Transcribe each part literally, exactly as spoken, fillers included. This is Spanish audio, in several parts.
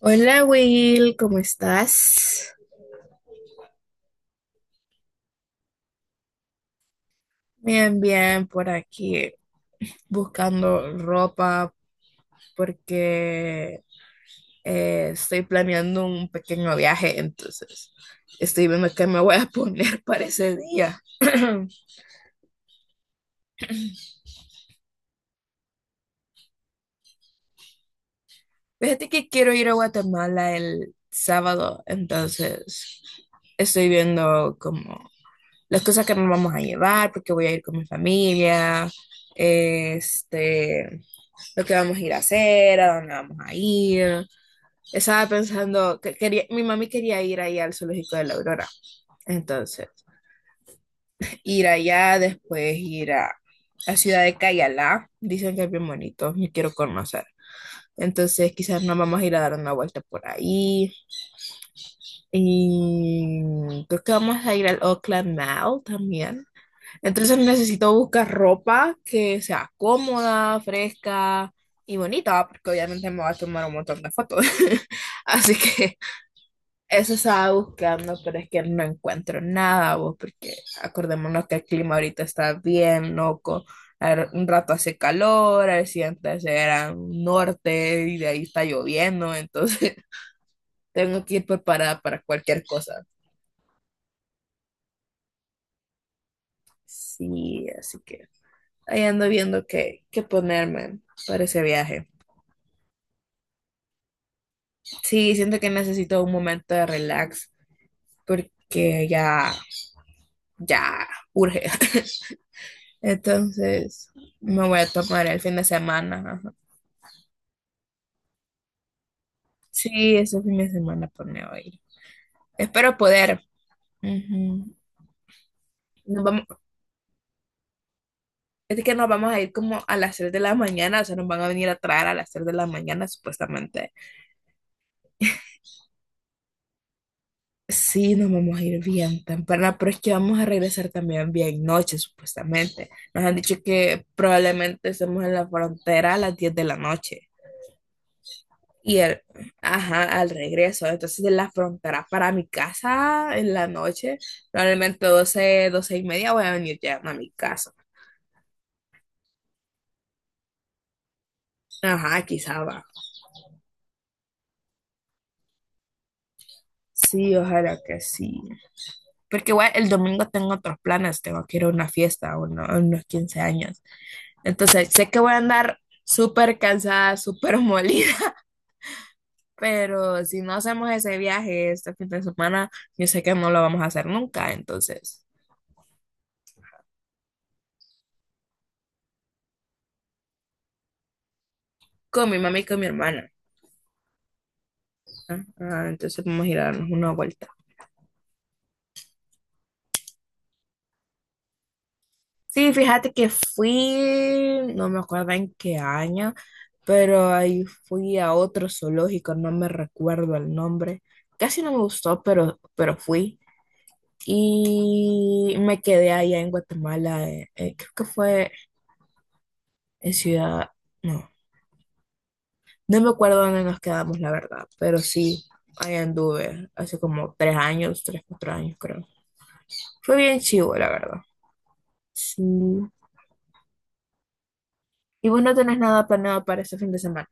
Hola Will, ¿cómo estás? Bien, bien, por aquí buscando ropa porque eh, estoy planeando un pequeño viaje, entonces estoy viendo qué me voy a poner para ese día. Fíjate que quiero ir a Guatemala el sábado, entonces estoy viendo como las cosas que nos vamos a llevar, porque voy a ir con mi familia, este, lo que vamos a ir a hacer, a dónde vamos a ir. Estaba pensando que quería, mi mami quería ir ahí al zoológico de la Aurora. Entonces, ir allá, después ir a la ciudad de Cayalá. Dicen que es bien bonito, me quiero conocer. Entonces, quizás nos vamos a ir a dar una vuelta por ahí. Y creo que vamos a ir al Oakland Mall también. Entonces necesito buscar ropa que sea cómoda, fresca y bonita, porque obviamente me va a tomar un montón de fotos. Así que eso estaba buscando, pero es que no encuentro nada, vos, porque acordémonos que el clima ahorita está bien loco. A ver, un rato hace calor, al siguiente se era un norte y de ahí está lloviendo, entonces tengo que ir preparada para cualquier cosa. Sí, así que ahí ando viendo qué, qué ponerme para ese viaje. Sí, siento que necesito un momento de relax porque ya, ya urge. Entonces, me voy a tomar el fin de semana. Ajá. Sí, ese fin de semana pues me voy a ir. Espero poder. Ujú. Nos vamos, es que nos vamos a ir como a las tres de la mañana, o sea, nos van a venir a traer a las tres de la mañana supuestamente. Sí, nos vamos a ir bien temprano, pero es que vamos a regresar también bien noche supuestamente. Nos han dicho que probablemente estemos en la frontera a las diez de la noche. Y el, ajá, al regreso, entonces de la frontera para mi casa en la noche, probablemente doce doce y media voy a venir ya a mi casa. Ajá, quizá va. Sí, ojalá que sí. Porque igual el domingo tengo otros planes, tengo que ir a una fiesta, a uno- a unos quince años. Entonces sé que voy a andar súper cansada, súper molida, pero si no hacemos ese viaje este fin de semana, yo sé que no lo vamos a hacer nunca, entonces, con mi mamá y con mi hermana. Ah, entonces vamos a ir a darnos una vuelta. Sí, fíjate que fui, no me acuerdo en qué año, pero ahí fui a otro zoológico, no me recuerdo el nombre. Casi no me gustó, pero, pero fui. Y me quedé allá en Guatemala, eh, eh, creo que fue en Ciudad, no, no me acuerdo dónde nos quedamos, la verdad, pero sí, ahí anduve hace como tres años, tres, cuatro años creo. Fue bien chivo, la verdad. Sí. Y vos no tenés nada planeado para este fin de semana.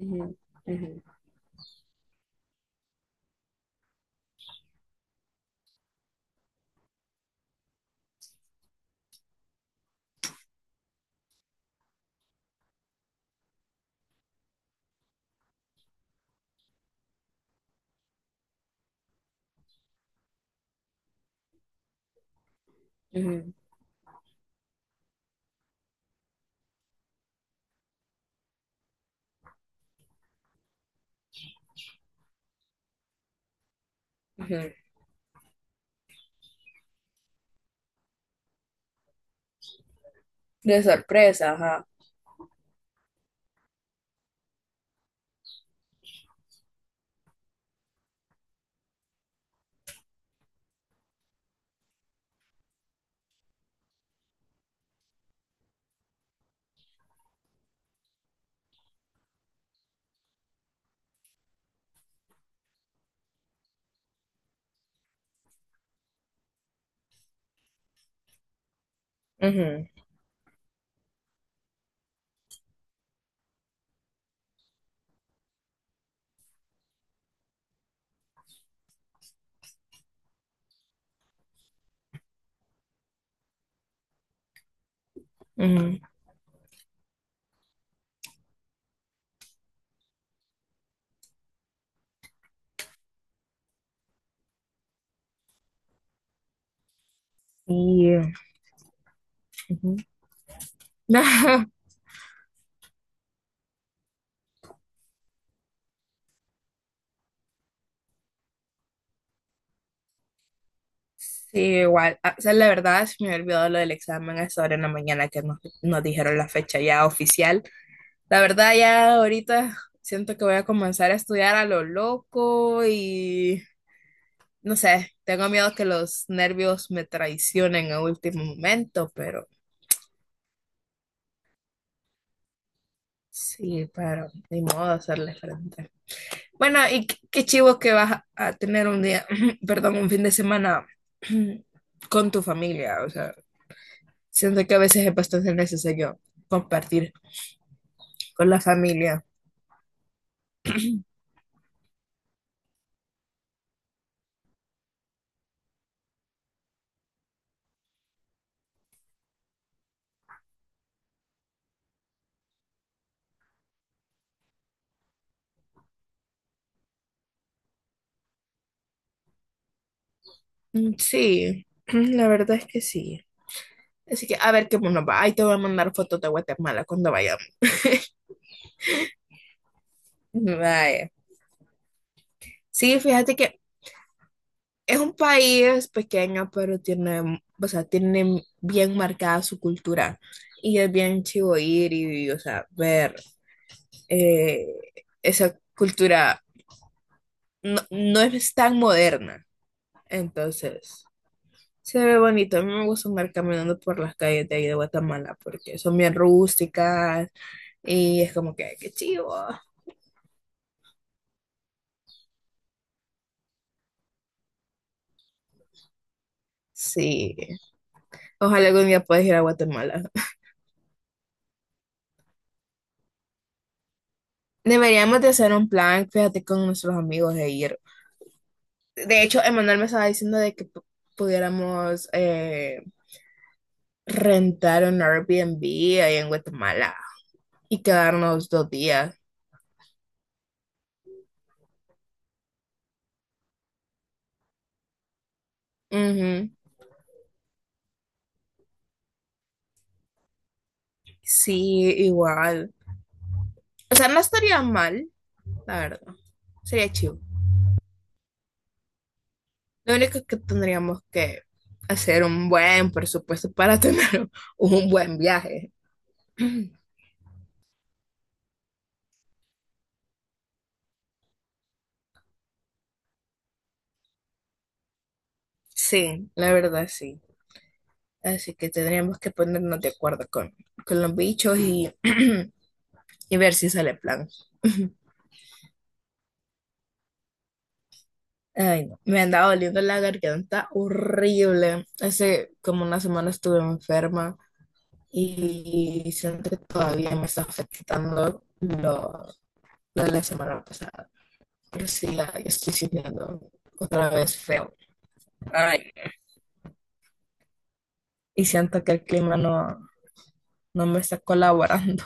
Ujú, ujú, ujú, ujú. De sorpresa, ajá. Ujú, ujú. Sí, ujú. Sí, igual. Ah, o sea, la verdad, se me había olvidado lo del examen a esa hora en la mañana que nos, nos dijeron la fecha ya oficial. La verdad, ya ahorita siento que voy a comenzar a estudiar a lo loco y no sé, tengo miedo que los nervios me traicionen a último momento, pero sí, pero ni modo hacerle frente. Bueno, y qué, qué chivo que vas a tener un día, perdón, un fin de semana con tu familia. O sea, siento que a veces es bastante necesario compartir con la familia. Mm, sí, la verdad es que sí. Así que a ver qué nos va. Ahí te voy a mandar fotos de Guatemala cuando vayamos. Vaya. Sí, fíjate que es un país pequeño, pero tiene, o sea, tiene bien marcada su cultura. Y es bien chivo ir y, o sea, ver. eh, Esa cultura no, no es tan moderna. Entonces, se ve bonito. A mí me gusta andar caminando por las calles de ahí de Guatemala porque son bien rústicas y es como que, qué chivo. Sí, ojalá algún día puedas ir a Guatemala. Deberíamos de hacer un plan, fíjate, con nuestros amigos de ir. De hecho, Emanuel me estaba diciendo de que pu- pudiéramos eh, rentar un Airbnb ahí en Guatemala y quedarnos dos días. Ujú. Sí, igual. O sea, no estaría mal, la verdad. Sería chido. Lo único que tendríamos que hacer un buen presupuesto para tener un buen viaje. Sí, la verdad sí. Así que tendríamos que ponernos de acuerdo con, con los bichos y, y ver si sale plan. Ay, no. Me andaba doliendo la garganta horrible. Hace como una semana estuve enferma. Y siento que todavía me está afectando lo, lo de la semana pasada. Pero sí, ya ya estoy sintiendo otra vez feo. Ay, y siento que el clima no, no me está colaborando.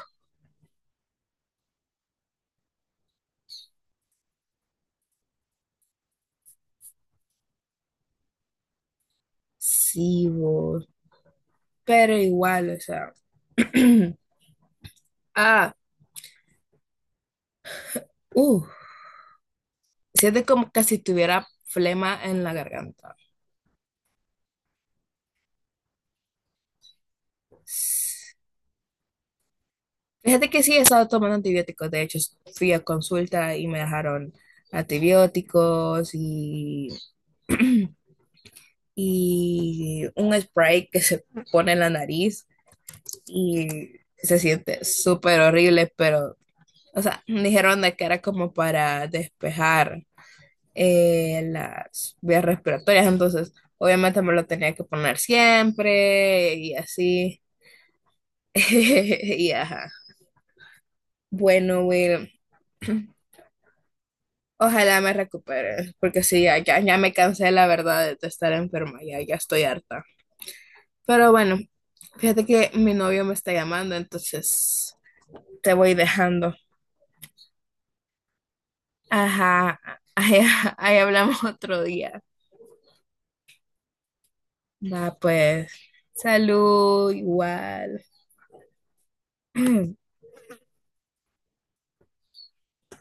Sí, vos. Pero igual, o sea. ah, uh, siento como que si tuviera flema en la garganta. Fíjate que sí he estado tomando antibióticos. De hecho, fui a consulta y me dejaron antibióticos y y un spray que se pone en la nariz y se siente súper horrible, pero, o sea, dijeron de que era como para despejar eh, las vías respiratorias, entonces obviamente me lo tenía que poner siempre y así. Y ajá. Bueno, Will, ojalá me recupere, porque sí, ya, ya, ya me cansé, la verdad, de estar enferma, ya, ya estoy harta. Pero bueno, fíjate que mi novio me está llamando, entonces te voy dejando. Ajá, ahí, ahí hablamos otro día. Va, pues, salud, igual.